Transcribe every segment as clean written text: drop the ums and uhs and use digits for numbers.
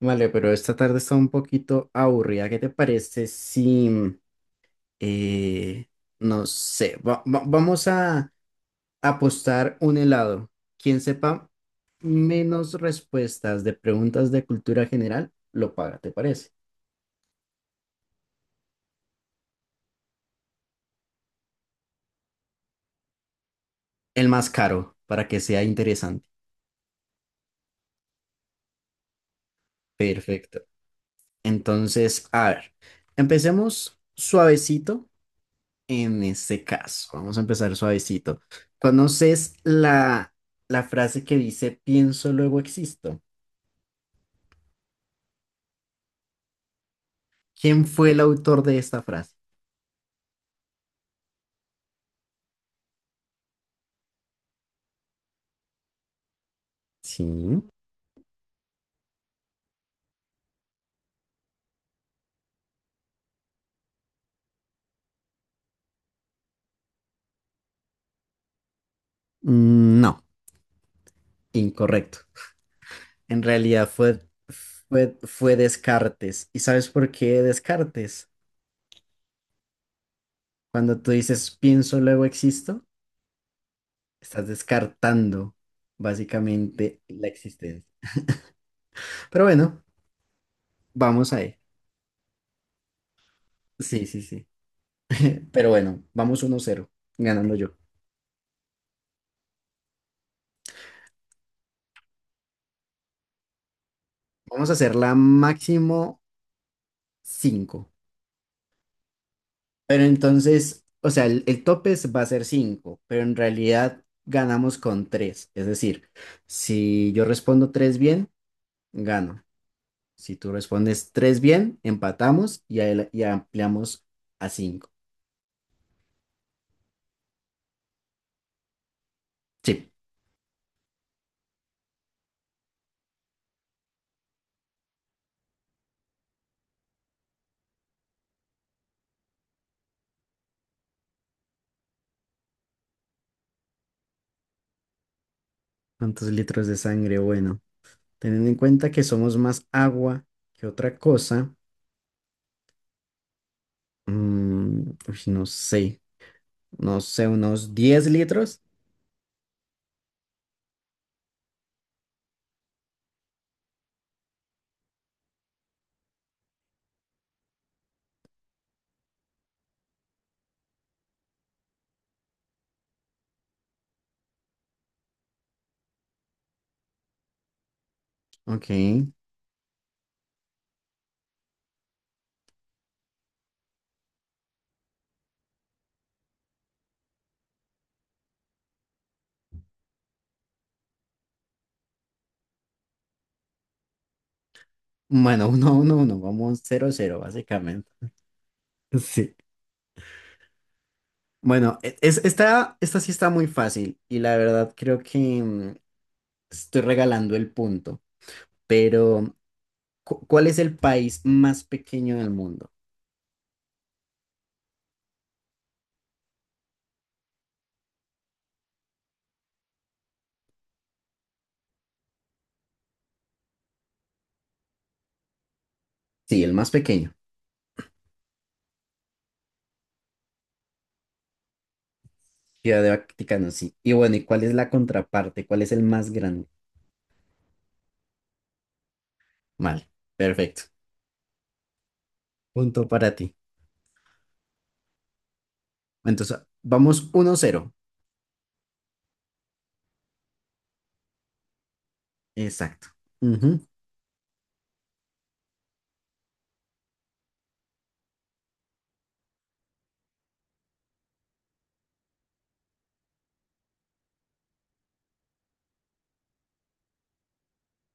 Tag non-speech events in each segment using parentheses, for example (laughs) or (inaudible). Vale, pero esta tarde está un poquito aburrida. ¿Qué te parece si, eh, no sé, vamos a apostar un helado? Quien sepa menos respuestas de preguntas de cultura general, lo paga, ¿te parece? El más caro, para que sea interesante. Perfecto. Entonces, a ver, empecemos suavecito. En este caso, vamos a empezar suavecito. ¿Conoces la frase que dice pienso, luego existo? ¿Quién fue el autor de esta frase? Sí. Mm, no, incorrecto. En realidad fue Descartes. ¿Y sabes por qué Descartes? Cuando tú dices pienso, luego existo, estás descartando básicamente la existencia. Pero bueno, vamos ahí. Sí, sí, sí. Pero bueno, vamos 1-0, ganando yo. Vamos a hacer la máximo cinco. Pero entonces, o sea, el tope va a ser 5 pero en realidad ganamos con tres. Es decir, si yo respondo 3 bien, gano. Si tú respondes 3 bien, empatamos y, ahí y ampliamos a cinco. Sí. ¿Cuántos litros de sangre? Bueno, teniendo en cuenta que somos más agua que otra cosa, uy, no sé, unos 10 litros. Ok. Bueno, (laughs) uno, uno, uno, vamos 0-0 básicamente. (laughs) Sí. Bueno, es, esta sí está muy fácil y la verdad creo que mm, estoy regalando el punto, pero ¿cuál es el país más pequeño del mundo? Sí, el más pequeño, Ciudad de Vaticano, sí. Y bueno, ¿y cuál es la contraparte? ¿Cuál es el más grande? Vale, perfecto. Punto para ti. Entonces, vamos 1-0. Exacto. Ujú.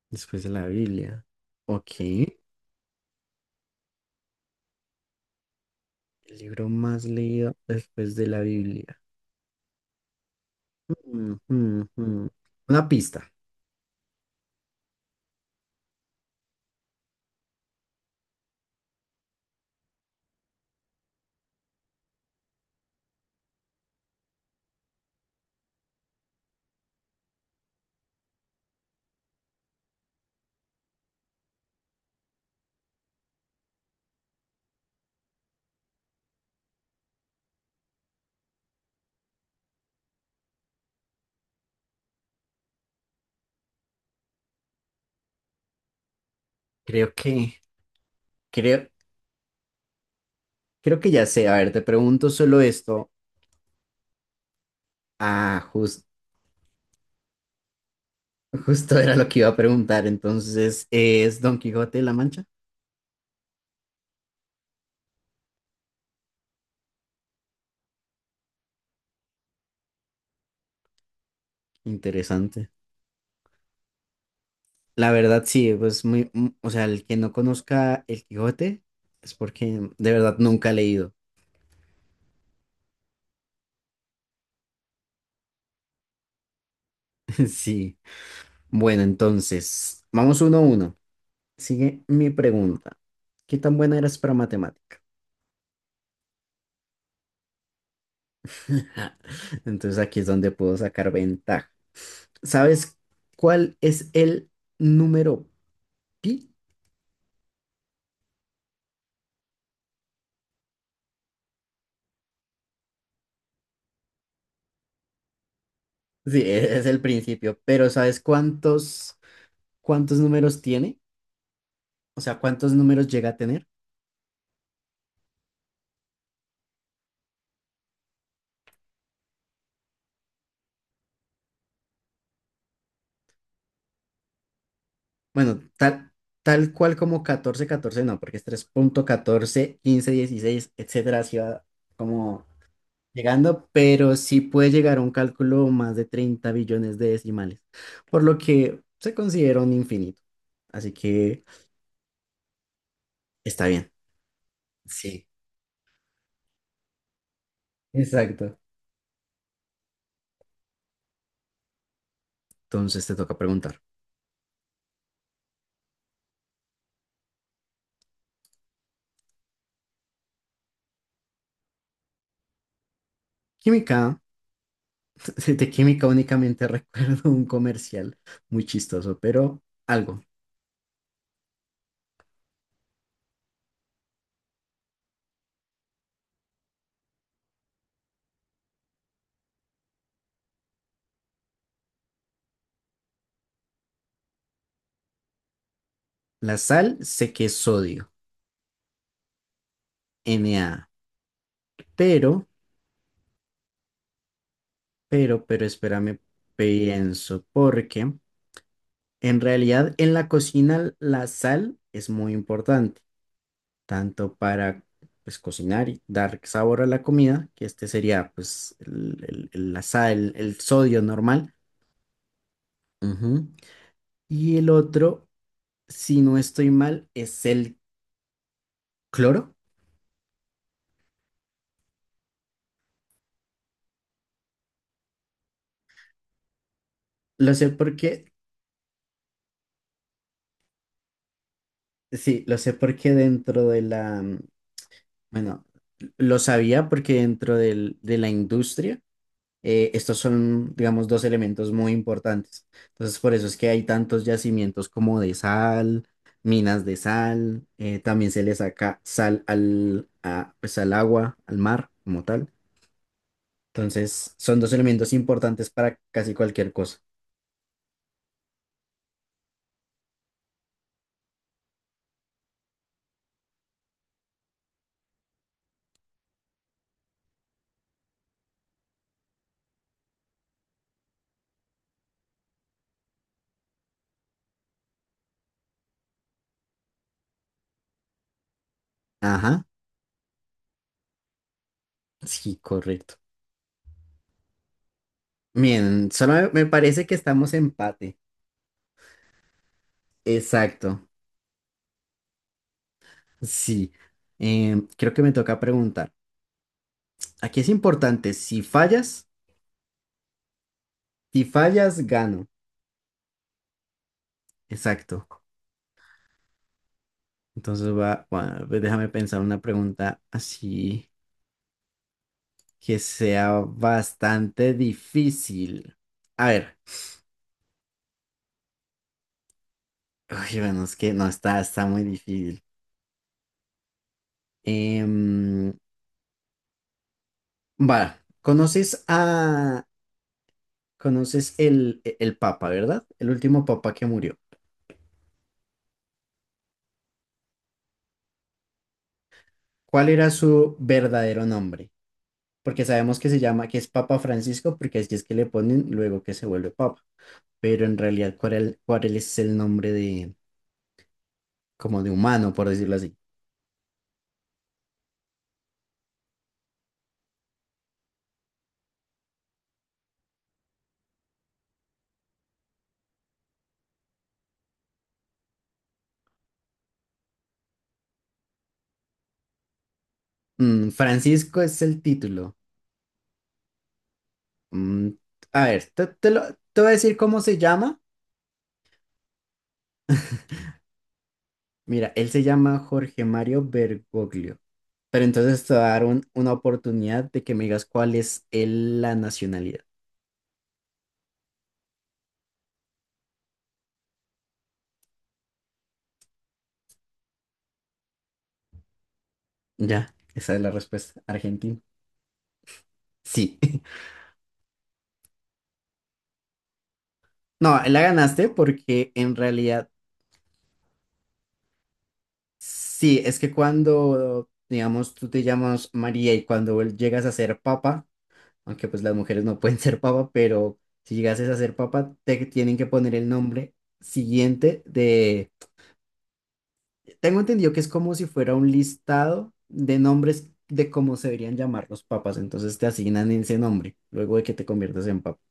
Después de la Biblia. Ok. El libro más leído después de la Biblia. Mm, mm, mm. Una pista. Creo que, creo, creo que ya sé. A ver, te pregunto solo esto. Ah, justo era lo que iba a preguntar. Entonces, ¿es Don Quijote de la Mancha? Interesante. La verdad, sí, pues muy, o sea, el que no conozca el Quijote es porque de verdad nunca ha leído. (laughs) Sí. Bueno, entonces, vamos 1-1. Sigue mi pregunta. ¿Qué tan buena eras para matemática? (laughs) Entonces aquí es donde puedo sacar ventaja. ¿Sabes cuál es el número pi? Sí, es el principio, pero ¿sabes cuántos números tiene? O sea, ¿cuántos números llega a tener? Bueno, tal cual como 14 14 no, porque es tres punto catorce quince dieciséis etcétera, así va como llegando, pero sí puede llegar a un cálculo más de 30 billones de decimales, por lo que se considera un infinito. Así que está bien. Sí, exacto. Entonces te toca preguntar. Química. (laughs) De química únicamente (laughs) recuerdo un comercial muy chistoso, pero algo. La sal sé que es sodio, Na. Pero, pero, espérame, pienso, porque en realidad en la cocina la sal es muy importante, tanto para pues cocinar y dar sabor a la comida, que este sería pues la sal, el sodio normal. Ujú. Y el otro, si no estoy mal, es el cloro. Lo sé porque, sí, lo sé porque dentro de la, bueno, lo sabía porque de la industria, estos son, digamos, dos elementos muy importantes. Entonces, por eso es que hay tantos yacimientos como de sal, minas de sal, también se le saca sal pues, al agua, al mar, como tal. Entonces, son dos elementos importantes para casi cualquier cosa. Ajá. Sí, correcto. Bien, solo me parece que estamos empate. Exacto. Sí. Creo que me toca preguntar. Aquí es importante, si fallas, gano. Exacto. Entonces va, bueno, pues déjame pensar una pregunta así que sea bastante difícil. A ver. Uy, bueno, es que no está muy difícil. Em, va, conoces el Papa, ¿verdad? El último Papa que murió. ¿Cuál era su verdadero nombre? Porque sabemos que se llama, que es Papa Francisco, porque así es que le ponen luego que se vuelve Papa. Pero en realidad, ¿cuál es el nombre de, como de humano, por decirlo así? Mm, Francisco es el título. Mm, a ver, te voy a decir cómo se llama. Mira, él se llama Jorge Mario Bergoglio. Pero entonces te voy a dar una oportunidad de que me digas cuál es la nacionalidad. Ya, esa es la respuesta. Argentina. Sí. (laughs) No, la ganaste porque en realidad sí, es que cuando, digamos, tú te llamas María y cuando llegas a ser papa, aunque pues las mujeres no pueden ser papa, pero si llegases a ser papa, te tienen que poner el nombre siguiente de... Tengo entendido que es como si fuera un listado de nombres de cómo se deberían llamar los papas, entonces te asignan ese nombre luego de que te conviertas en papa.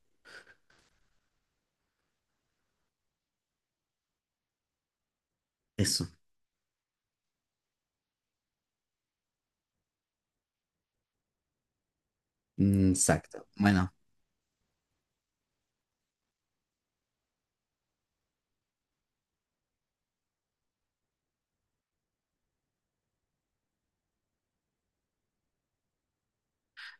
Eso. Mm. Exacto. Bueno.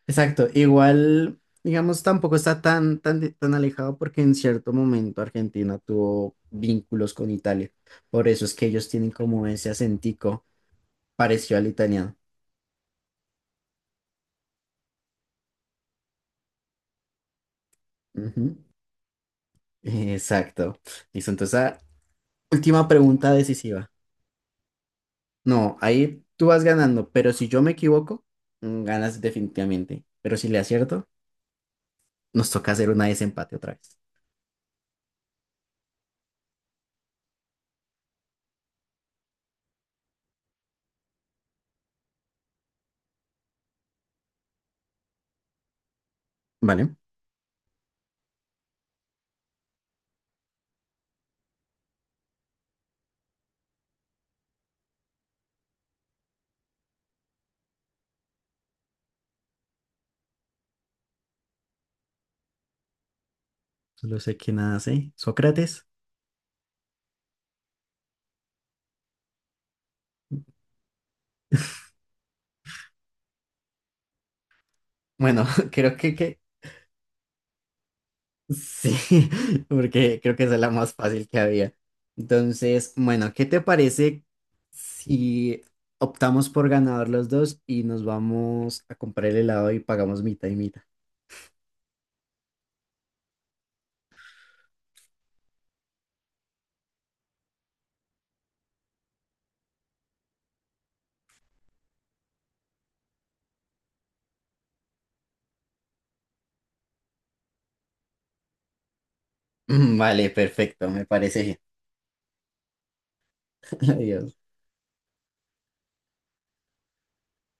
Exacto, igual, digamos, tampoco está tan alejado porque en cierto momento Argentina tuvo vínculos con Italia. Por eso es que ellos tienen como ese acentico parecido al italiano. Ujú, exacto. Listo, entonces, última pregunta decisiva. No, ahí tú vas ganando, pero si yo me equivoco, ganas definitivamente. Pero si le acierto, nos toca hacer una desempate otra vez. ¿Vale? Solo sé que nada sé. Sócrates. Bueno, (laughs) creo que sí, (laughs) porque creo que esa es la más fácil que había. Entonces, bueno, ¿qué te parece si optamos por ganador los dos y nos vamos a comprar el helado y pagamos mitad y mitad? (laughs) Vale, perfecto, me parece bien. (laughs) Adiós.